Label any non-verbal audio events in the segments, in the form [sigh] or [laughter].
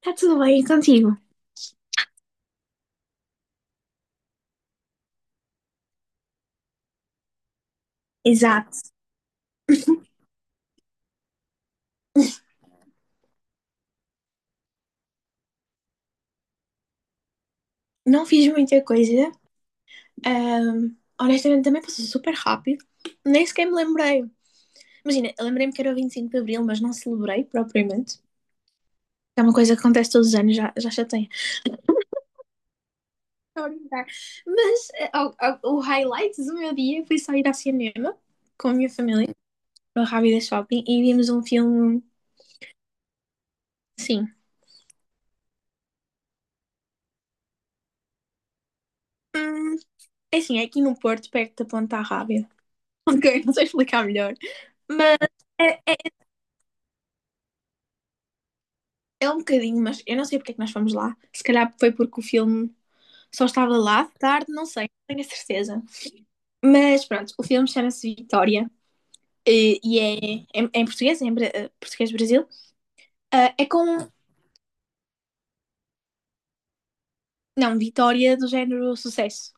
Está tudo bem contigo? Exato. Não fiz muita coisa. Honestamente, também passou super rápido. Nem sequer me lembrei. Imagina, eu lembrei-me que era o 25 de Abril, mas não celebrei propriamente. É uma coisa que acontece todos os anos, já chatei. Estou a brincar. Mas o highlight do meu dia foi só ir ao cinema com a minha família, no Rábida Shopping, e vimos um filme, sim. Hum, é assim, é aqui no Porto, perto da Ponta Rábida. [laughs] Ok, não sei explicar melhor. Mas é, é, É um bocadinho, mas eu não sei porque é que nós fomos lá. Se calhar foi porque o filme só estava lá de tarde, não sei, não tenho a certeza. Mas pronto, o filme chama-se Vitória, e é em português, é português Brasil. Ah, é com, não, Vitória do género sucesso,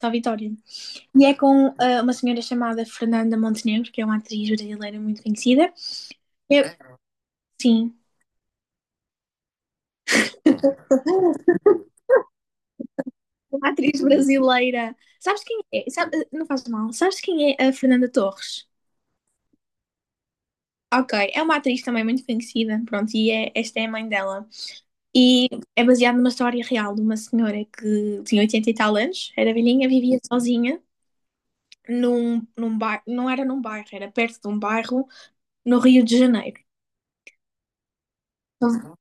só Vitória. E é com uma senhora chamada Fernanda Montenegro, que é uma atriz brasileira muito conhecida. Eu- sim, uma atriz brasileira. Sabes quem é? Não faz mal. Sabes quem é a Fernanda Torres? Ok, é uma atriz também muito conhecida, pronto, esta é a mãe dela. E é baseada numa história real de uma senhora que tinha 80 e tal anos, era velhinha, vivia sozinha num bairro, não era num bairro, era perto de um bairro no Rio de Janeiro. Fa-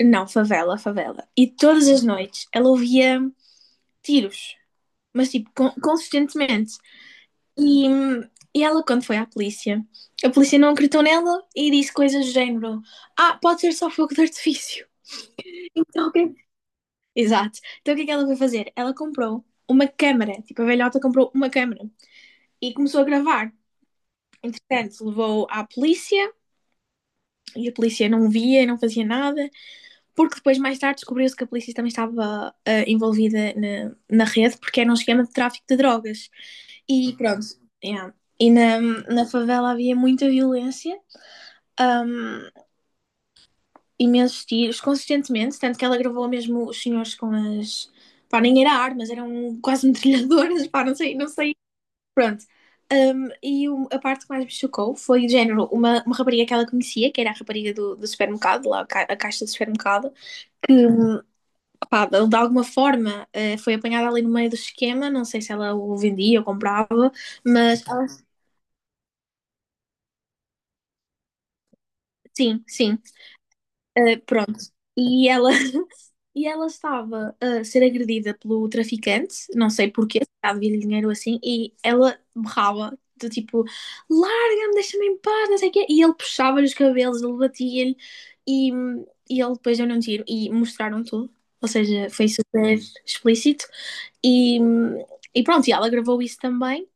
Não, favela, favela. E todas as noites ela ouvia tiros, mas tipo, consistentemente. E, hum, e ela, quando foi à polícia, a polícia não acreditou nela e disse coisas do género: Ah, pode ser só fogo de artifício. [laughs] Então, o é Exato. Então o que é que ela foi fazer? Ela comprou uma câmara, tipo, a velhota comprou uma câmara e começou a gravar. Entretanto, levou à polícia e a polícia não via, não fazia nada, porque depois, mais tarde, descobriu-se que a polícia também estava envolvida na rede, porque era um esquema de tráfico de drogas. E pronto, yeah. E na favela havia muita violência. hum, imensos tiros, consistentemente, tanto que ela gravou mesmo os senhores com as. Pá, nem era armas, eram quase metralhadoras, pá, não sei, não sei. Pronto. E a parte que mais me chocou foi, de género, uma rapariga que ela conhecia, que era a rapariga do supermercado, lá a caixa do supermercado, que, pá, de alguma forma, foi apanhada ali no meio do esquema, não sei se ela o vendia ou comprava, mas ela, sim, sim, pronto. E ela [laughs] E ela estava a ser agredida pelo traficante, não sei porquê, se calhar devia-lhe dinheiro assim, e ela berrava, do tipo, larga-me, deixa-me em paz, não sei o quê. E ele puxava-lhe os cabelos, ele batia-lhe, e, e ele depois deu-lhe um tiro, e mostraram tudo. Ou seja, foi super explícito. E, e pronto, e ela gravou isso também.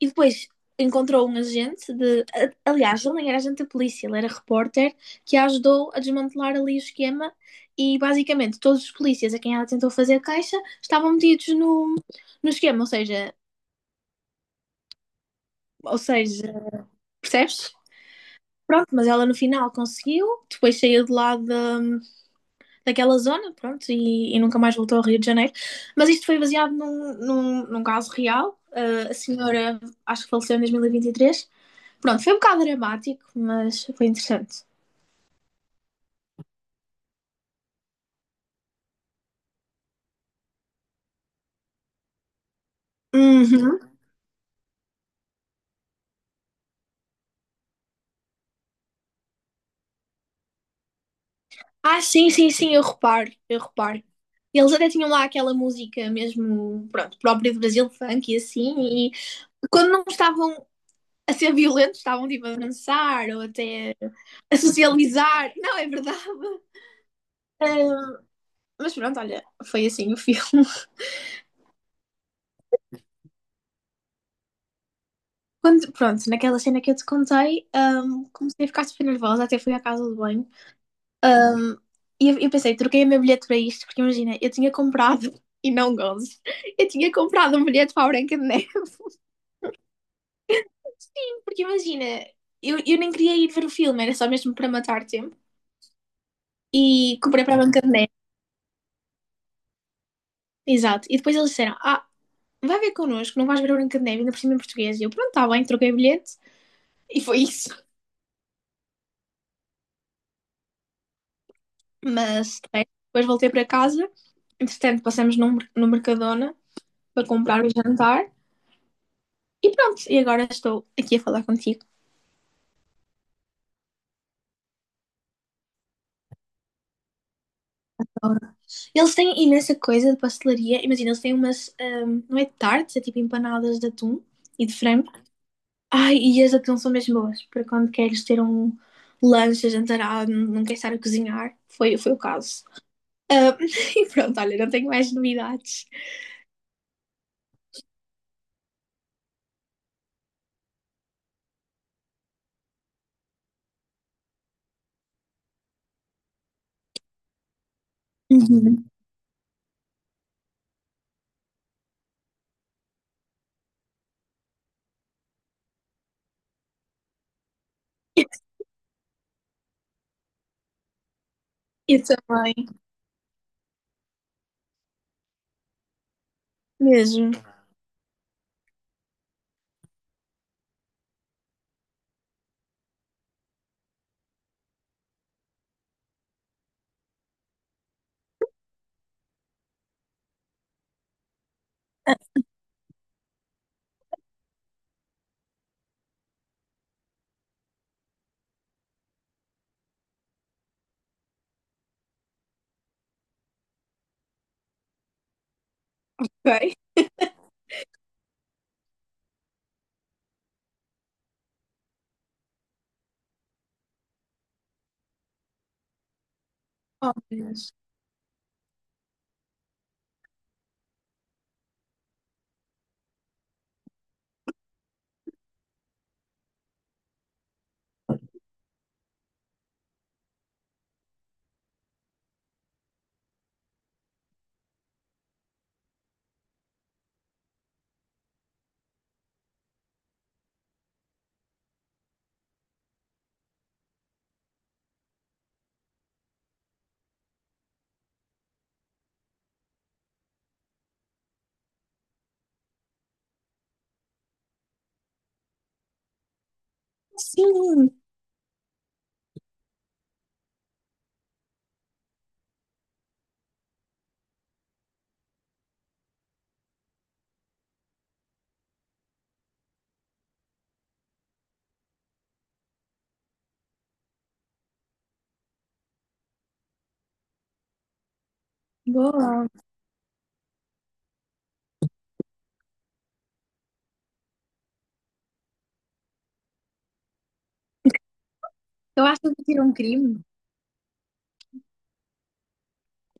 E depois encontrou um agente de. Aliás, ele nem era agente da polícia, ele era repórter que a ajudou a desmantelar ali o esquema. E basicamente todos os polícias a quem ela tentou fazer caixa estavam metidos no esquema, ou seja, ou seja, percebes? Pronto, mas ela no final conseguiu, depois saiu de lá daquela zona, pronto, e nunca mais voltou ao Rio de Janeiro. Mas isto foi baseado num caso real. Ah, a senhora, acho que faleceu em 2023. Pronto, foi um bocado dramático, mas foi interessante. Uhum. Ah, sim, sim, sim, eu reparo, eu reparo. Eles até tinham lá aquela música mesmo, pronto, própria do Brasil, funk e assim, e quando não estavam a ser violentos, estavam tipo a dançar ou até a socializar. [laughs] Não, é verdade. Ahm, mas pronto, olha, foi assim o filme. [laughs] Quando, pronto, naquela cena que eu te contei, comecei a ficar super nervosa, até fui à casa do banho. E eu pensei, troquei o meu bilhete para isto, porque imagina, eu tinha comprado, [laughs] e não gozes, eu tinha comprado um bilhete para a Branca de Neve. [laughs] Sim, porque imagina, eu nem queria ir ver o filme, era só mesmo para matar tempo. E comprei para a Branca de Neve, exato. E depois eles disseram, ah, vai ver connosco, não vais ver a Branca de Neve, ainda por cima em português. E eu, pronto, está bem, troquei o bilhete, e foi isso. Mas, bem, depois voltei para casa, entretanto passamos no Mercadona para comprar o jantar. E pronto, e agora estou aqui a falar contigo. Eles têm imensa coisa de pastelaria. Imagina, eles têm umas. Não é tartes, é tipo empanadas de atum e de frango. Ai, e as de atum são mesmo boas. Para quando queres ter um lanche, jantarado, não, não queres estar a cozinhar. Foi, foi o caso. Ahm, [laughs] e pronto, olha, não tenho mais novidades. Uhum. Eu eu também, mesmo. Ah, Ok. Oh, meu Deus. Sim, boa. Acabaste de admitir um crime?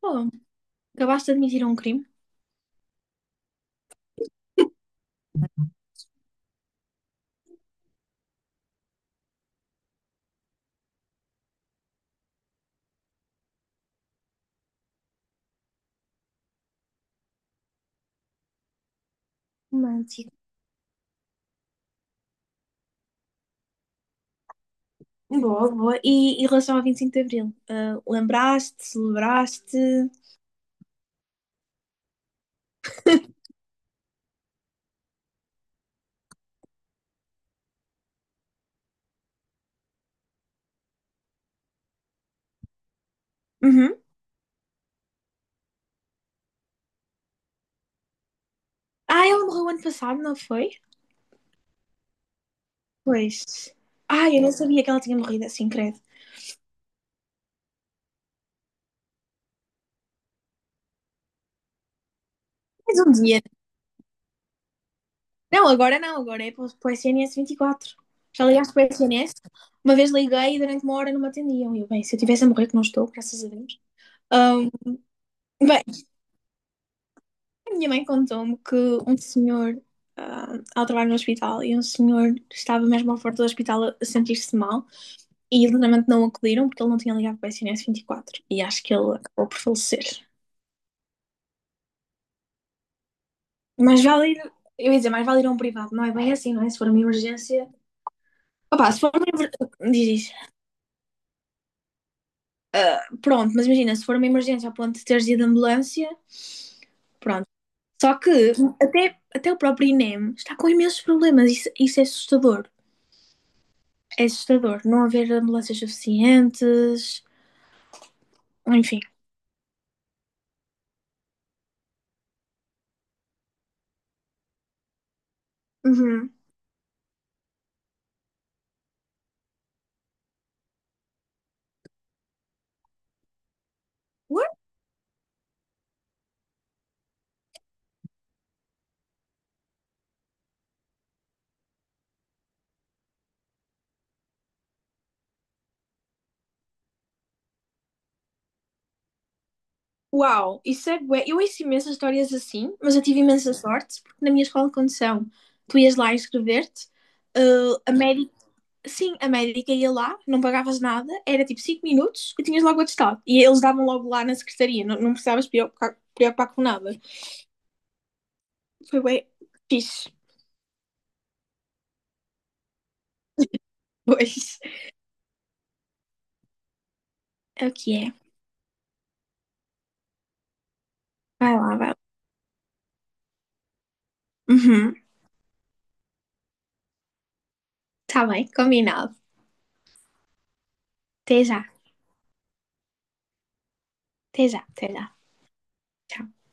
Boa. Acabaste de admitir um crime? Romântico. Boa, boa. E em relação ao 25 de Abril, lembraste, celebraste? [laughs] Uhum. Ah, ela morreu ano passado, não foi? Pois. Eu não sabia que ela tinha morrido assim, credo. Mais um dia. Não, agora não, agora é para o SNS 24. Já ligaste para o SNS? Uma vez liguei e durante 1 hora não me atendiam. E eu, bem, se eu tivesse a morrer, que não estou, graças a Deus. Ahm, bem, a minha mãe contou-me que um senhor, ela trabalha no hospital, e um senhor estava mesmo à porta do hospital a sentir-se mal. E literalmente não acudiram porque ele não tinha ligado para o SNS 24 e acho que ele acabou por falecer. Mas vale ir, eu ia dizer, mais vale ir a um privado, não é bem assim, não é? Se for uma emergência. Opá, se for uma emergência. Diz, diz. Ah, pronto, mas imagina, se for uma emergência a ponto de teres ido de ambulância, pronto. Só que até o próprio INEM está com imensos problemas, isso é assustador. É assustador. Não haver ambulâncias suficientes, enfim. Uhum. Uau, isso é bué. Eu ouço imensas histórias assim, mas eu tive imensa sorte, porque na minha escola de condução, tu ias lá inscrever-te, ah, a médica, sim, a médica ia lá, não pagavas nada, era tipo 5 minutos e tinhas logo o atestado. E eles davam logo lá na secretaria, não precisavas preocupar, preocupar com nada. Foi bué fixe. [laughs] Pois, é o que é. Vai lá, vai lá. Uhum. Tá bem, combinado. Até já, até já, até já. Tchau.